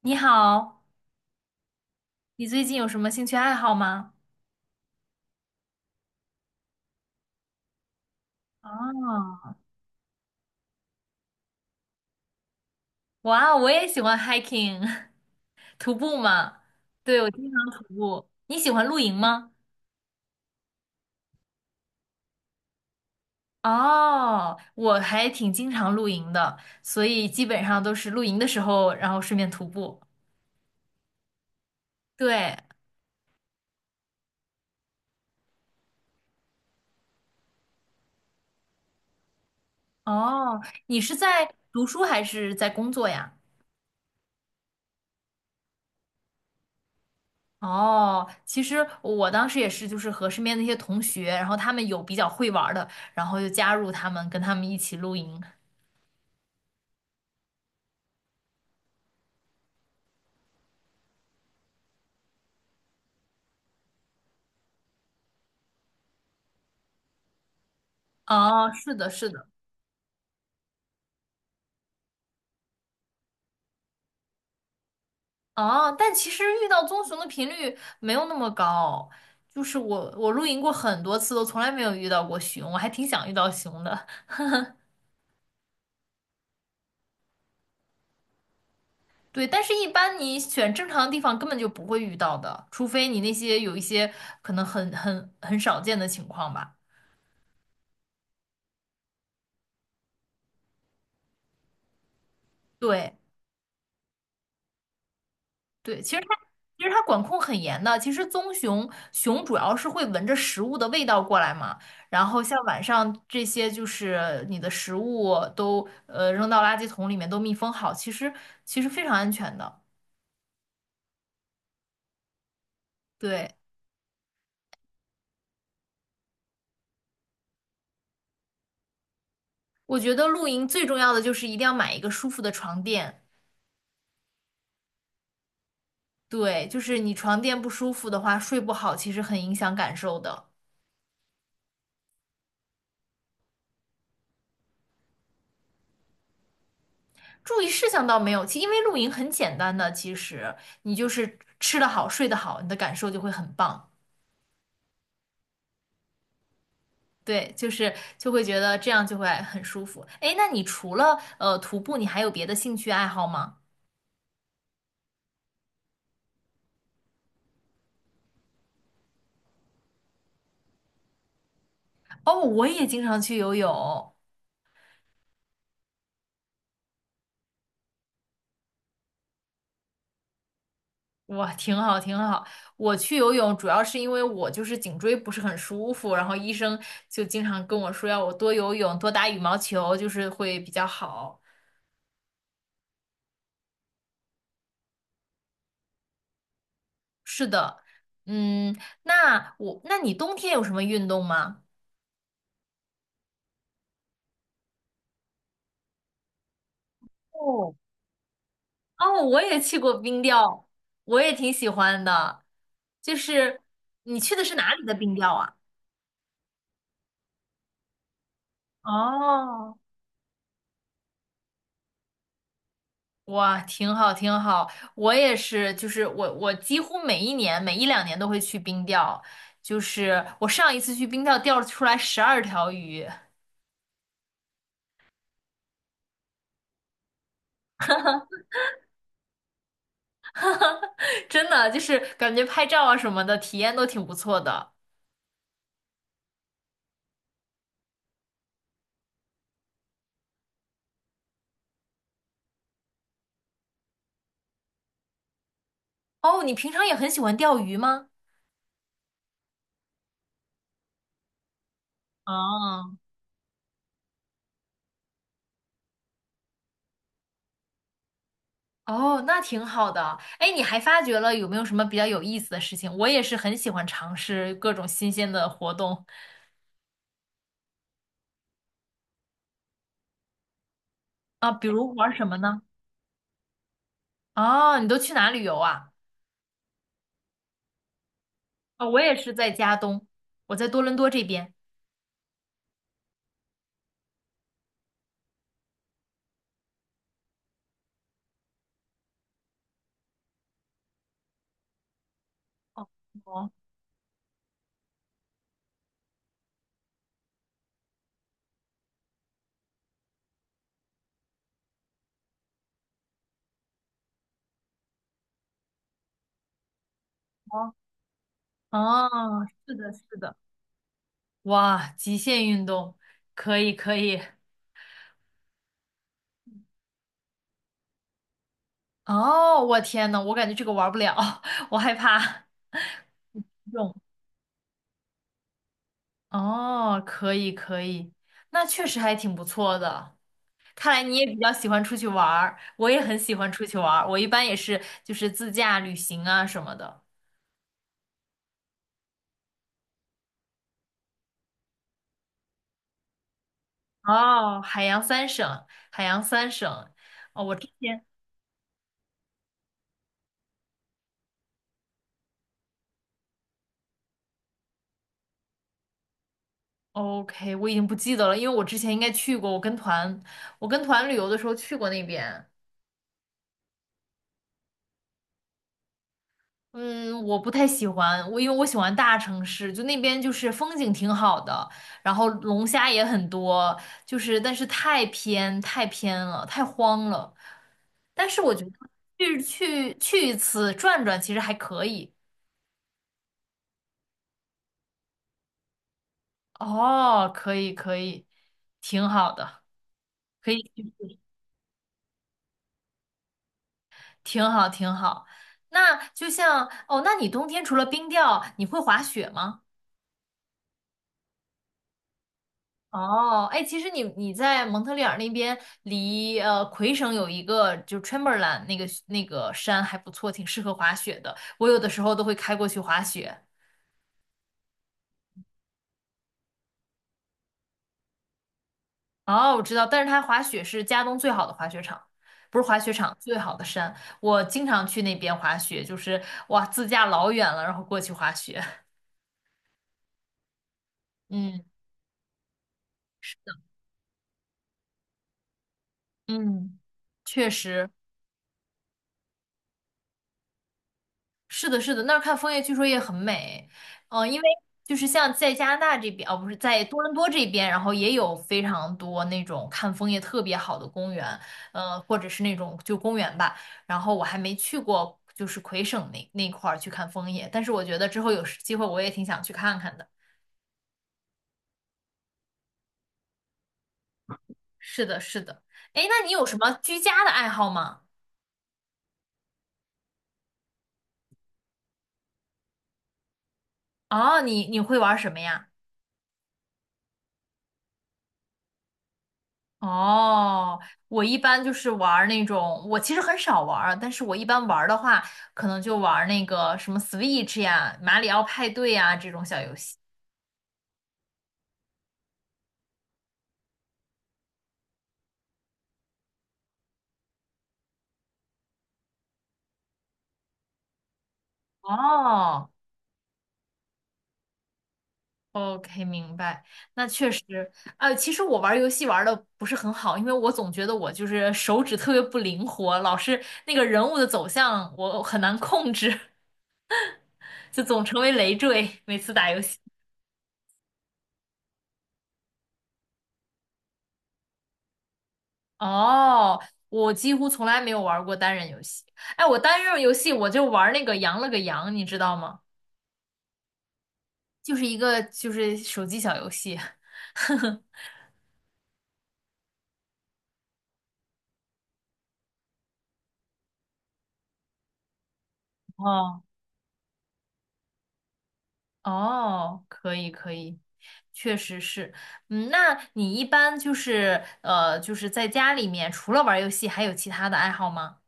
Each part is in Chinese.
你好，你最近有什么兴趣爱好吗？啊，哇哦，我也喜欢 hiking，徒步嘛。对，我经常徒步。你喜欢露营吗？哦，我还挺经常露营的，所以基本上都是露营的时候，然后顺便徒步。对，哦，你是在读书还是在工作呀？哦，其实我当时也是，就是和身边那些同学，然后他们有比较会玩儿的，然后就加入他们，跟他们一起露营。哦，是的，是的，哦，但其实遇到棕熊的频率没有那么高，就是我露营过很多次，都从来没有遇到过熊，我还挺想遇到熊的。对，但是一般你选正常的地方根本就不会遇到的，除非你那些有一些可能很少见的情况吧。对。对，其实它管控很严的。其实棕熊熊主要是会闻着食物的味道过来嘛，然后像晚上这些就是你的食物都扔到垃圾桶里面都密封好，其实非常安全的。对，我觉得露营最重要的就是一定要买一个舒服的床垫。对，就是你床垫不舒服的话，睡不好其实很影响感受的。注意事项倒没有，其因为露营很简单的，其实你就是吃得好，睡得好，你的感受就会很棒。对，就是就会觉得这样就会很舒服。哎，那你除了徒步，你还有别的兴趣爱好吗？哦，我也经常去游泳，哇，挺好挺好。我去游泳主要是因为我就是颈椎不是很舒服，然后医生就经常跟我说要我多游泳，多打羽毛球，就是会比较好。是的，嗯，那你冬天有什么运动吗？哦。哦，我也去过冰钓，我也挺喜欢的。就是你去的是哪里的冰钓啊？哦，哇，挺好，挺好。我也是，就是我几乎每一年、每一两年都会去冰钓。就是我上一次去冰钓钓出来12条鱼，真的就是感觉拍照啊什么的体验都挺不错的。哦，你平常也很喜欢钓鱼吗？哦，哦，那挺好的。哎，你还发觉了有没有什么比较有意思的事情？我也是很喜欢尝试各种新鲜的活动啊，比如玩什么呢？哦，你都去哪旅游啊？哦，我也是在加东，我在多伦多这边。哦哦哦，哦，是的，是的。哇，极限运动，可以可以。哦，我天呐，我感觉这个玩不了，我害怕。用。哦，可以可以，那确实还挺不错的。看来你也比较喜欢出去玩儿，我也很喜欢出去玩儿。我一般也是就是自驾旅行啊什么的。哦，海洋三省，海洋三省。天。OK，我已经不记得了，因为我之前应该去过，我跟团，我跟团旅游的时候去过那边。嗯，我不太喜欢，我因为我喜欢大城市，就那边就是风景挺好的，然后龙虾也很多，就是但是太偏太偏了，太荒了。但是我觉得去一次转转其实还可以。哦，可以可以，挺好的，可以挺好挺好。那就像哦，那你冬天除了冰钓，你会滑雪吗？哦，哎，其实你在蒙特利尔那边离，魁省有一个就是 c h a m b r l a i n 那个山还不错，挺适合滑雪的。我有的时候都会开过去滑雪。哦，我知道，但是它滑雪是加东最好的滑雪场，不是滑雪场，最好的山。我经常去那边滑雪，就是哇，自驾老远了，然后过去滑雪。嗯嗯，确实。是的，是的，那儿看枫叶据说也很美，因为就是像在加拿大这边，哦，不是在多伦多这边，然后也有非常多那种看枫叶特别好的公园，或者是那种就公园吧。然后我还没去过，就是魁省那块儿去看枫叶，但是我觉得之后有时机会我也挺想去看看的。是的，是的，哎，那你有什么居家的爱好吗？哦，你会玩什么呀？哦，我一般就是玩儿那种，我其实很少玩儿但是我一般玩儿的话，可能就玩儿那个什么 Switch 呀、马里奥派对呀这种小游戏。哦，OK，明白。那确实，其实我玩儿游戏玩的不是很好，因为我总觉得我就是手指特别不灵活，老是那个人物的走向我很难控制，就总成为累赘，每次打游戏。哦，我几乎从来没有玩过单人游戏。哎，我单人游戏我就玩那个羊了个羊，你知道吗？就是一个就是手机小游戏。哦哦，可以可以，确实是。嗯，那你一般就是就是在家里面除了玩游戏，还有其他的爱好吗？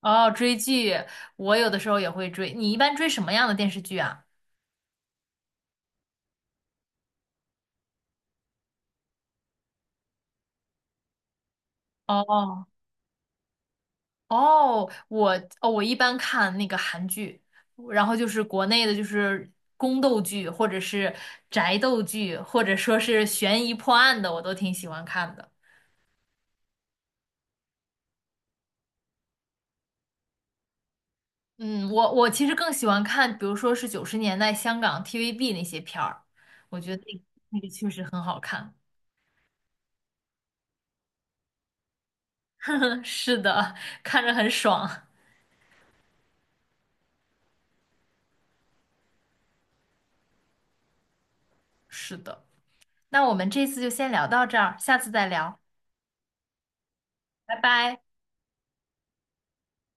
哦，追剧，我有的时候也会追。你一般追什么样的电视剧啊？哦哦，我一般看那个韩剧，然后就是国内的，就是宫斗剧，或者是宅斗剧，或者说是悬疑破案的，我都挺喜欢看的。嗯，我其实更喜欢看，比如说是90年代香港 TVB 那些片儿，我觉得那个确实很好看。是的，看着很爽。是的，那我们这次就先聊到这儿，下次再聊，拜拜。